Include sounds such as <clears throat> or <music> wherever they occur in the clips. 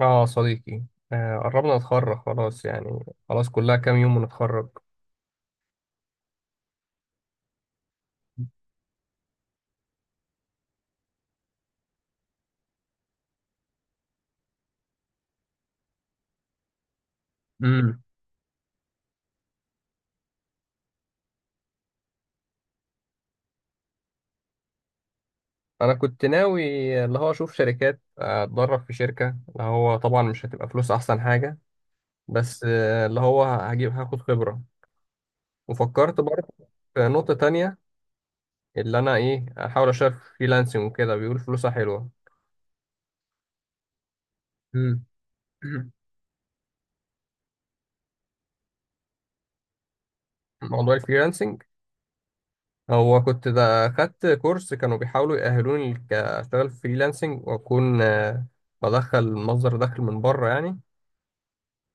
اه، صديقي. آه قربنا نتخرج، خلاص يعني، خلاص كلها كام يوم ونتخرج. امم انا كنت ناوي، اللي هو اشوف شركات، اتدرب في شركة، اللي هو طبعا مش هتبقى فلوس، احسن حاجة. بس اللي هو هاخد خبرة. وفكرت برضه في نقطة تانية، اللي انا احاول اشتغل في فريلانسنج وكده، بيقول فلوسها حلوة. امم <clears throat> موضوع الفريلانسنج، هو كنت ده خدت كورس، كانوا بيحاولوا يأهلوني أشتغل فريلانسنج وأكون، بدخل مصدر دخل من بره يعني.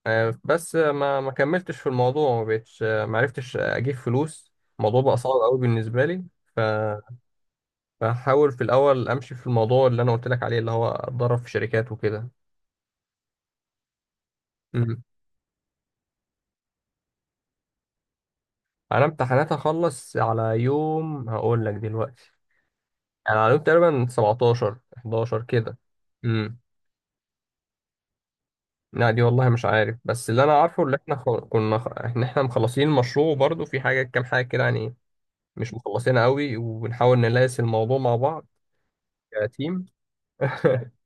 بس ما كملتش في الموضوع، ما بقتش، ما عرفتش أجيب فلوس. الموضوع بقى صعب قوي بالنسبة لي. بحاول في الأول أمشي في الموضوع اللي أنا قلت لك عليه، اللي هو أتدرب في شركات وكده. مم. أنا امتحانات هخلص على يوم، هقول لك دلوقتي. يعني على يوم تقريبا 17، 11 كده. مم. لا، دي والله مش عارف، بس اللي انا عارفه، اللي احنا كنا ان احنا مخلصين المشروع، وبرضه في حاجه، كام حاجه كده يعني مش مخلصينها قوي، وبنحاول نلاقي الموضوع مع بعض. كتيم. <laughs>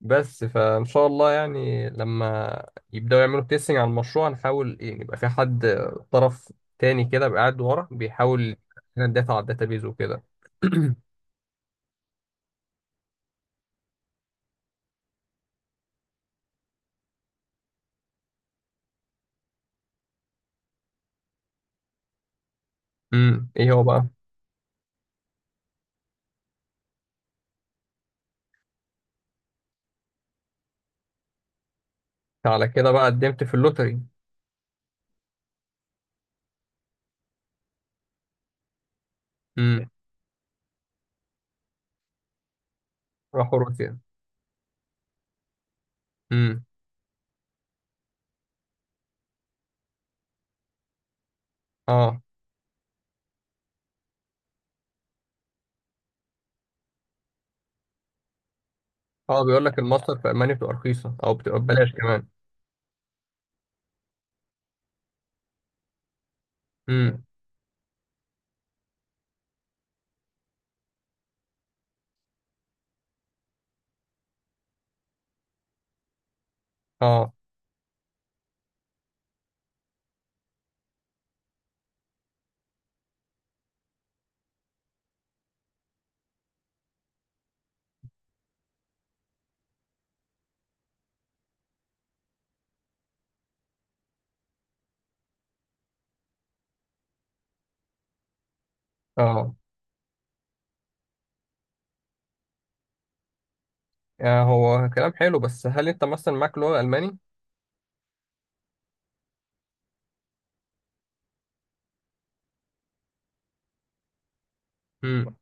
بس فان شاء الله يعني، لما يبداوا يعملوا تيستنج على المشروع، نحاول يبقى في حد طرف تاني كده بقى، قاعد ورا بيحاول يدافع الداتا على الداتابيز وكده. <clears throat> ايه هو بقى؟ على كده بقى قدمت في اللوتري. امم. راحوا روسيا. امم. اه، اه، بيقول لك الماستر في المانيا بتبقى رخيصه او بتبقى ببلاش كمان. امم. اه، اه، يعني هو كلام حلو، بس هل انت مثلا معاك لغه الماني؟ امم.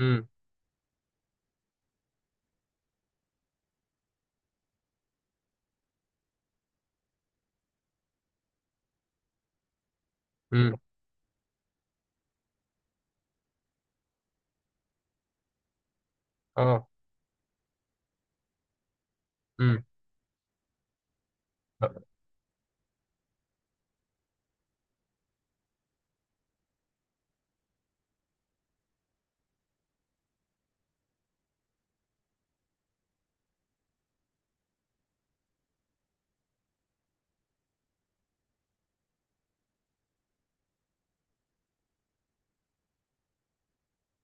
امم. امم. اه. امم.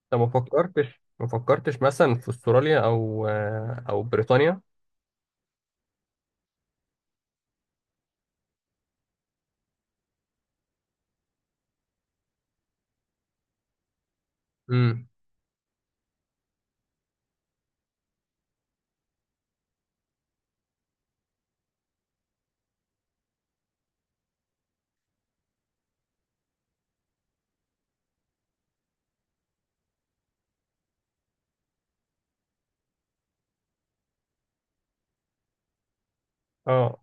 طب، ما فكرتش مثلا في استراليا، او بريطانيا؟ امم. اه.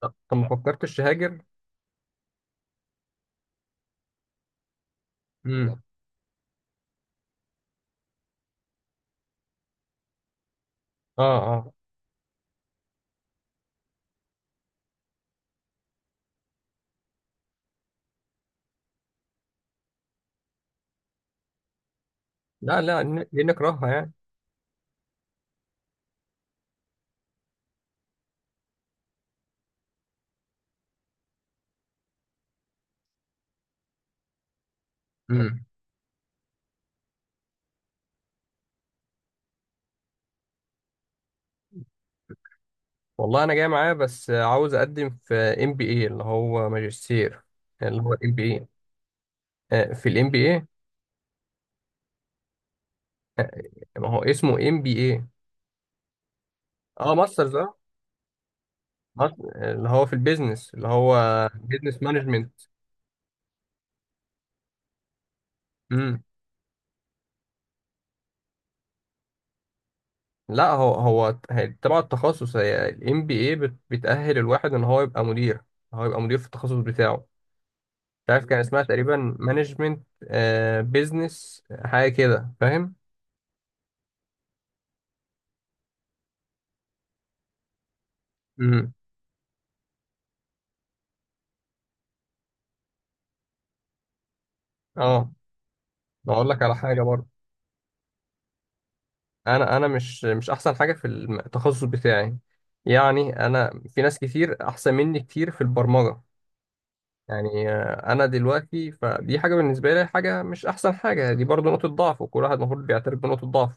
طب ما فكرتش تهاجر؟ امم. اه، اه. لا، لا، دي نكرهها يعني. امم. والله انا جاي معايا، بس عاوز اقدم في ام بي اي، اللي هو ماجستير. اللي هو الام بي، اي، في الام بي اي. ما هو اسمه ام بي اي. اه، ماسترز، اه. اللي هو في البيزنس، اللي هو بيزنس مانجمنت. امم. لا، هو تبع التخصص، هي الام بي اي، بتأهل الواحد ان هو يبقى مدير. هو يبقى مدير في التخصص بتاعه. مش عارف، كان اسمها تقريبا مانجمنت، بيزنس، حاجه كده فاهم. امم. اه. بقول لك على حاجه برضه، انا مش احسن حاجه في التخصص بتاعي. يعني انا، في ناس كتير احسن مني كتير في البرمجه. يعني انا دلوقتي، فدي حاجه بالنسبه لي، حاجه مش احسن حاجه، دي برضو نقطه ضعف، وكل واحد المفروض بيعترف بنقطه ضعف.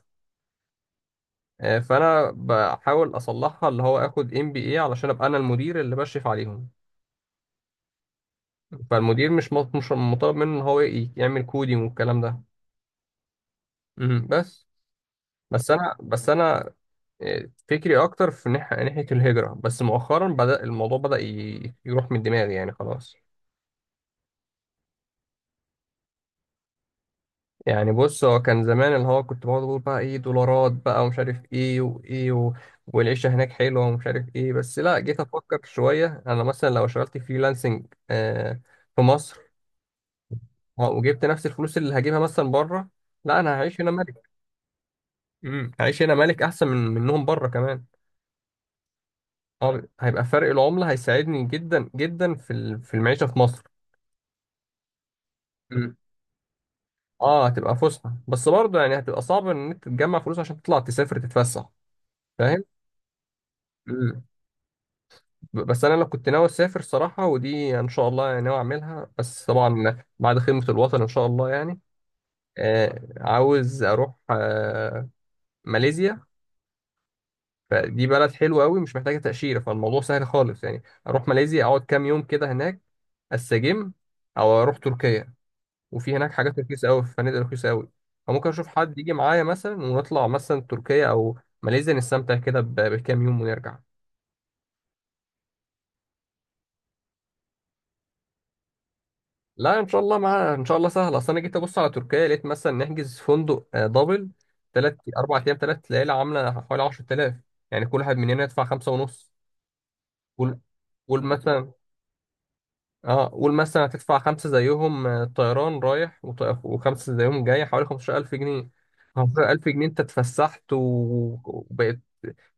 فانا بحاول اصلحها، اللي هو اخد ام بي اي علشان ابقى انا المدير اللي بشرف عليهم. فالمدير مش مطالب منه ان هو يعمل كودينج والكلام ده. مم، بس بس انا فكري اكتر في ناحيه الهجره، بس مؤخرا بدا الموضوع بدا يروح من دماغي يعني خلاص. يعني بص، هو كان زمان اللي هو كنت بقعد اقول بقى ايه دولارات بقى، ومش عارف ايه وايه. والعيشه هناك حلوه ومش عارف ايه، بس لا جيت افكر شويه، انا مثلا لو اشتغلت فريلانسنج في مصر، وجبت نفس الفلوس اللي هجيبها مثلا بره، لا انا هعيش هنا ملك. هعيش هنا ملك احسن منهم بره كمان. اه، هيبقى فرق العمله هيساعدني جدا جدا في في المعيشه في مصر. مم. اه، هتبقى فسحه، بس برضه يعني هتبقى صعب ان انت تجمع فلوس عشان تطلع تسافر تتفسح فاهم. بس انا لو كنت ناوي اسافر صراحه، ودي ان شاء الله يعني ناوي اعملها، بس طبعا بعد خدمه الوطن ان شاء الله يعني. عاوز اروح ماليزيا. فدي بلد حلوه قوي، مش محتاجه تاشيره، فالموضوع سهل خالص، يعني اروح ماليزيا، اقعد كام يوم كده هناك، استجم، او اروح تركيا. وفي هناك حاجات رخيصه قوي، في فنادق رخيصه قوي. فممكن اشوف حد يجي معايا مثلا، ونطلع مثلا تركيا او ماليزيا، نستمتع كده بكام يوم ونرجع. لا ان شاء الله، مع ان شاء الله سهل. اصل انا جيت ابص على تركيا، لقيت مثلا نحجز فندق دبل، ثلاث اربع ايام، 3 ليالي، عامله حوالي 10000. يعني كل واحد مننا يدفع خمسة ونص. قول قول مثلا. اه، قول مثلا هتدفع خمسة زيهم، طيران رايح وخمسة زيهم جاي، حوالي 15000 جنيه. 15000 جنيه انت اتفسحت، وبقيت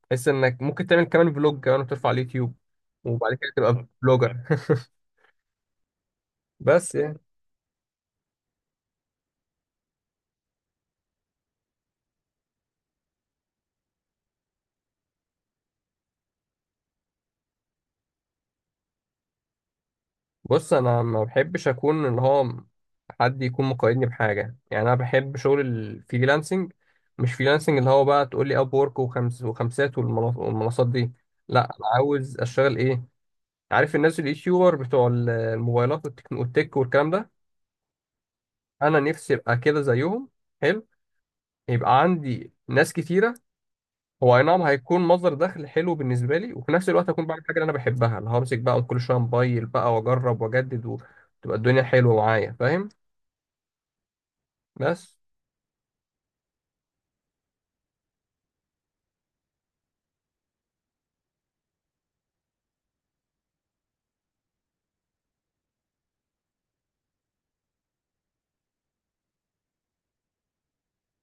تحس انك ممكن تعمل كمان فلوج كمان وترفع على اليوتيوب، وبعد كده تبقى فلوجر. <laughs> بس يعني، بص، انا ما بحبش اكون اللي هو حد يكون مقيدني بحاجة يعني. أنا بحب شغل الفريلانسنج، مش فريلانسنج اللي هو بقى تقول لي أب وورك وخمس وخمسات والمنصات دي. لا، أنا عاوز أشتغل إيه، عارف الناس اليوتيوبر بتوع الموبايلات والتك والتك والكلام ده. أنا نفسي أبقى كده زيهم. حلو. يبقى عندي ناس كتيرة. هو أي نعم، هيكون مصدر دخل حلو بالنسبة لي، وفي نفس الوقت هكون بعمل حاجة اللي أنا بحبها، اللي همسك بقى كل شوية موبايل بقى وأجرب وأجدد، وتبقى الدنيا حلوة معايا فاهم. بس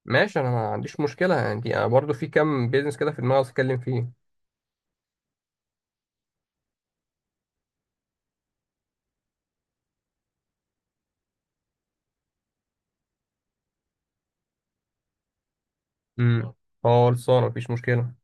ماشي، انا ما عنديش مشكله، يعني أنا برضو في كام بيزنس كده في دماغي عاوز اتكلم فيه. امم. خلصانه مفيش مشكله.